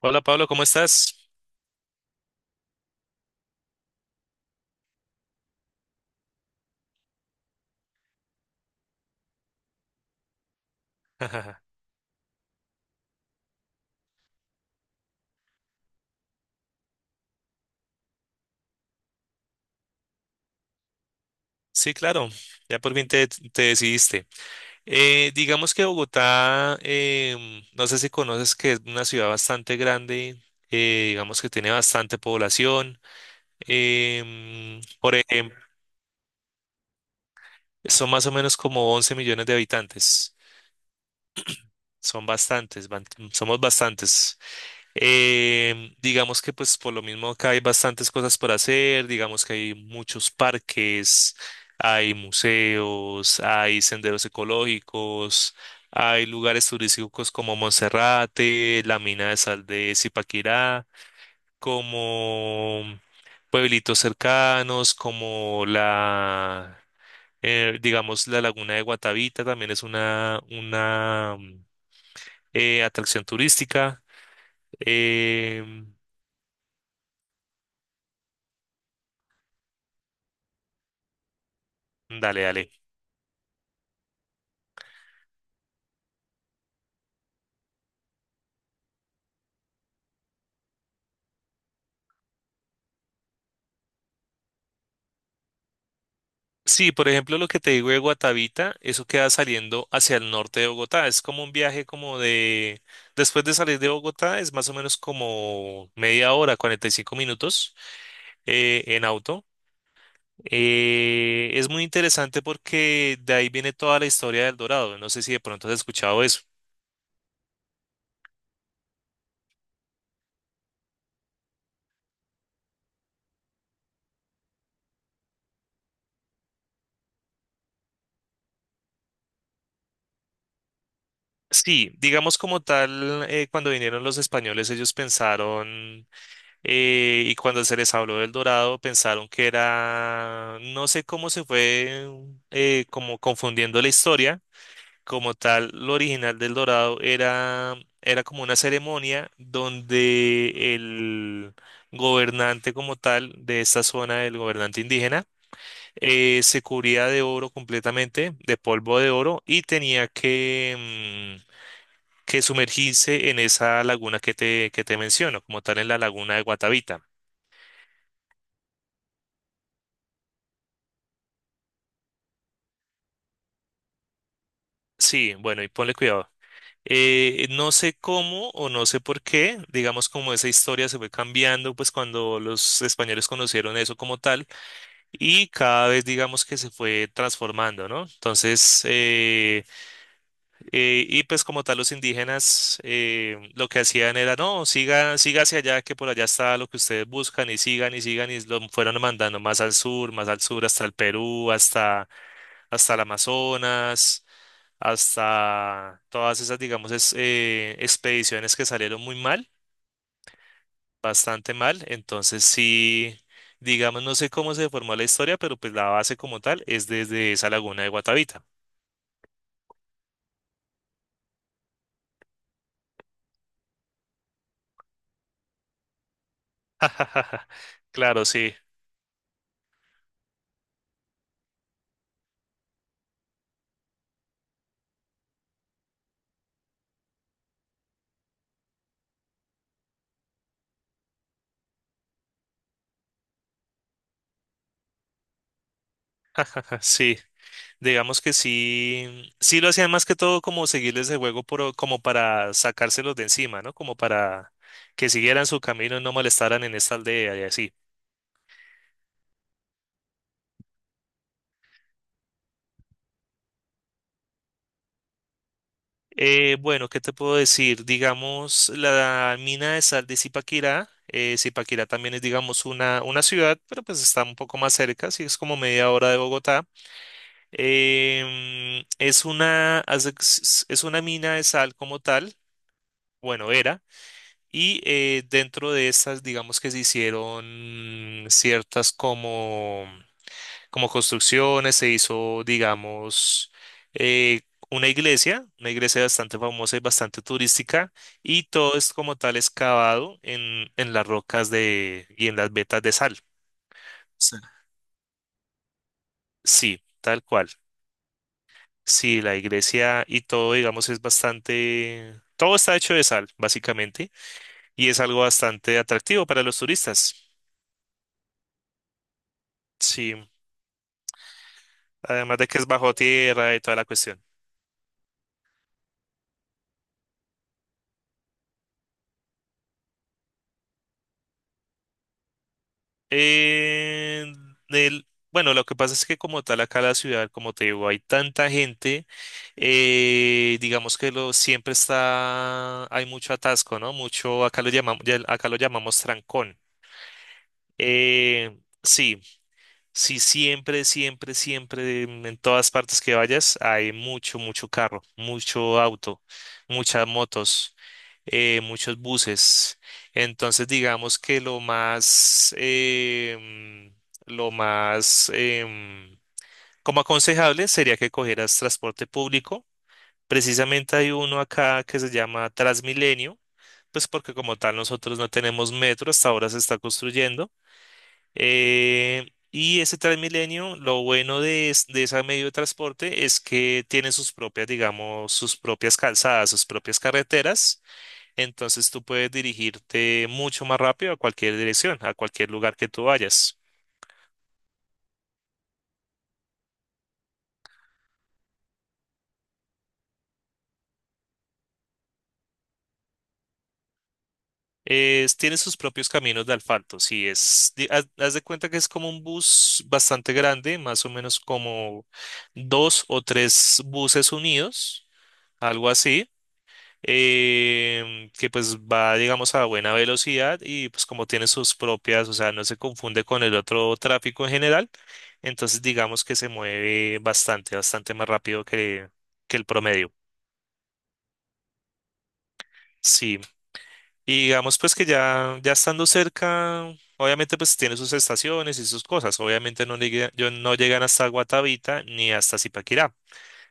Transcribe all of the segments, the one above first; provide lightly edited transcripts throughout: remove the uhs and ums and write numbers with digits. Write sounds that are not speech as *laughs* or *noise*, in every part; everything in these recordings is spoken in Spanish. Hola Pablo, ¿cómo estás? *laughs* Sí, claro, ya por fin te decidiste. Digamos que Bogotá, no sé si conoces que es una ciudad bastante grande, digamos que tiene bastante población. Por ejemplo, son más o menos como 11 millones de habitantes. Son bastantes, somos bastantes. Digamos que pues por lo mismo acá hay bastantes cosas por hacer, digamos que hay muchos parques, hay museos, hay senderos ecológicos, hay lugares turísticos como Monserrate, la mina de sal de Zipaquirá, como pueblitos cercanos, digamos, la laguna de Guatavita también es una atracción turística. Em, dale, dale. Sí, por ejemplo, lo que te digo de Guatavita, eso queda saliendo hacia el norte de Bogotá. Es como un viaje como de. Después de salir de Bogotá es más o menos como media hora, 45 minutos en auto. Es muy interesante porque de ahí viene toda la historia del Dorado. No sé si de pronto has escuchado eso. Sí, digamos como tal, cuando vinieron los españoles, ellos pensaron, y cuando se les habló del Dorado, pensaron que era, no sé cómo se fue, como confundiendo la historia, como tal, lo original del Dorado era como una ceremonia donde el gobernante como tal de esta zona, el gobernante indígena, se cubría de oro completamente, de polvo de oro, y tenía que sumergirse en esa laguna que te menciono, como tal en la laguna de Guatavita. Sí, bueno, y ponle cuidado. No sé cómo o no sé por qué, digamos como esa historia se fue cambiando, pues cuando los españoles conocieron eso como tal y cada vez digamos que se fue transformando, ¿no? Entonces, y pues como tal los indígenas lo que hacían era: no, siga, siga hacia allá, que por allá está lo que ustedes buscan, y sigan y sigan y lo fueron mandando más al sur, hasta el Perú, hasta el Amazonas, hasta todas esas, digamos, expediciones que salieron muy mal, bastante mal. Entonces sí, digamos, no sé cómo se formó la historia, pero pues la base como tal es desde esa laguna de Guatavita. *laughs* Claro, sí. *laughs* Sí. Digamos que sí, sí lo hacían más que todo como seguirles el juego como para sacárselos de encima, ¿no? Como para que siguieran su camino y no molestaran en esta aldea y así. Bueno, ¿qué te puedo decir? Digamos, la mina de sal de Zipaquirá, Zipaquirá también es, digamos, una ciudad, pero pues está un poco más cerca, sí, es como media hora de Bogotá. Em, es una, haz de- es una mina de sal como tal, bueno, era. Y dentro de estas, digamos que se hicieron ciertas como construcciones, se hizo, digamos, eh, una iglesia bastante famosa y bastante turística, y todo es como tal excavado en las rocas y en las vetas de sal. Sí. Sí, tal cual. Sí, la iglesia y todo, digamos, es bastante, todo está hecho de sal, básicamente, y es algo bastante atractivo para los turistas. Sí. Además de que es bajo tierra y toda la cuestión. Eh, bueno, lo que pasa es que como tal acá la ciudad, como te digo, hay tanta gente, digamos que hay mucho atasco, ¿no? Mucho, acá lo llamamos trancón. Eh, sí. Sí, siempre, siempre, siempre, en todas partes que vayas, hay mucho, mucho carro, mucho auto, muchas motos, muchos buses. Entonces, digamos que lo más, como aconsejable sería que cogieras transporte público. Precisamente hay uno acá que se llama Transmilenio, pues porque como tal nosotros no tenemos metro, hasta ahora se está construyendo. Y ese Transmilenio, lo bueno de ese medio de transporte es que tiene sus propias, digamos, sus propias calzadas, sus propias carreteras. Entonces tú puedes dirigirte mucho más rápido a cualquier dirección, a cualquier lugar que tú vayas. Tiene sus propios caminos de asfalto. Sí, haz de cuenta que es como un bus bastante grande, más o menos como dos o tres buses unidos, algo así, que pues va, digamos, a buena velocidad y pues como tiene sus propias, o sea, no se confunde con el otro tráfico en general, entonces digamos que se mueve bastante, bastante más rápido que el promedio. Sí, y digamos pues que ya estando cerca, obviamente pues tiene sus estaciones y sus cosas, obviamente no, no llegan hasta Guatavita ni hasta Zipaquirá.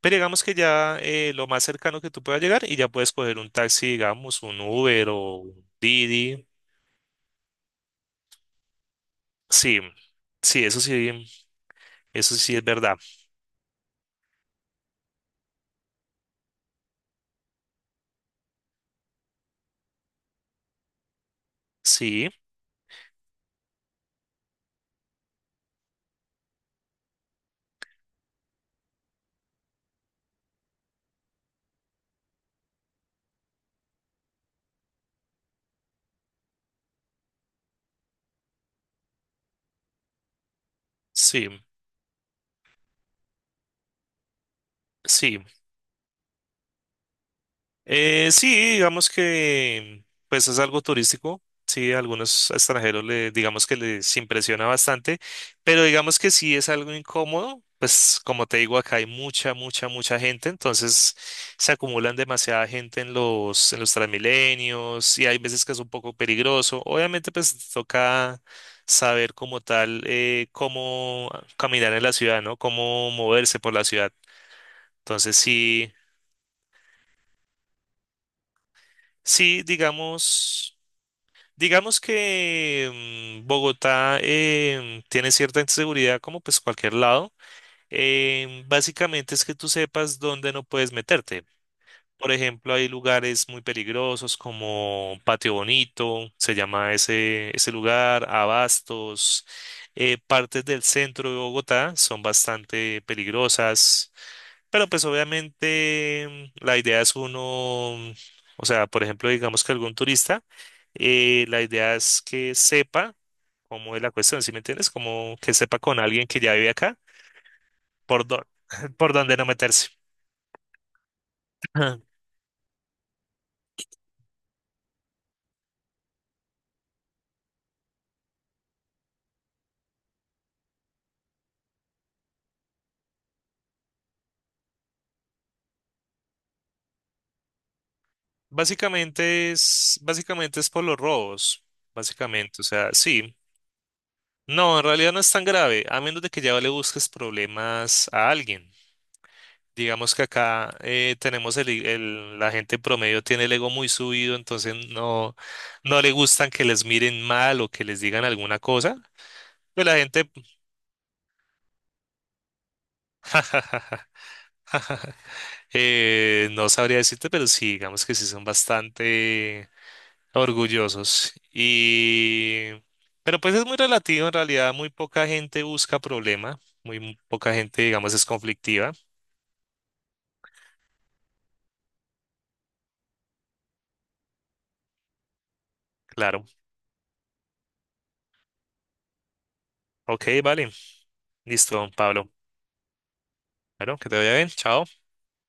Pero digamos que ya lo más cercano que tú puedas llegar y ya puedes coger un taxi, digamos, un Uber o un Didi. Sí, sí, eso sí, eso sí es verdad. Sí, sí, sí. Sí, digamos que pues es algo turístico. Sí, a algunos extranjeros le, digamos que les impresiona bastante, pero digamos que sí es algo incómodo. Pues como te digo, acá hay mucha, mucha, mucha gente, entonces se acumulan demasiada gente en los Transmilenios y hay veces que es un poco peligroso. Obviamente pues toca saber como tal, cómo caminar en la ciudad, ¿no? Cómo moverse por la ciudad. Entonces sí, sí, digamos. Digamos que Bogotá tiene cierta inseguridad, como pues cualquier lado. Básicamente es que tú sepas dónde no puedes meterte. Por ejemplo, hay lugares muy peligrosos como Patio Bonito, se llama ese lugar, Abastos. Partes del centro de Bogotá son bastante peligrosas, pero pues obviamente la idea es uno, o sea, por ejemplo, digamos que algún turista, la idea es que sepa cómo es la cuestión, ¿sí me entiendes? Como que sepa con alguien que ya vive acá, por, dó- *laughs* por dónde no meterse. *laughs* Básicamente es por los robos, básicamente, o sea, sí. No, en realidad no es tan grave, a menos de que ya le busques problemas a alguien. Digamos que acá tenemos la gente promedio tiene el ego muy subido, entonces no, no le gustan que les miren mal o que les digan alguna cosa. Pues la gente *laughs* no sabría decirte, pero sí, digamos que sí son bastante, orgullosos. Y... Pero pues es muy relativo, en realidad muy poca gente busca problema, muy poca gente, digamos, es conflictiva, claro. Ok, vale, listo, Pablo. Bueno, que te vaya bien, chao.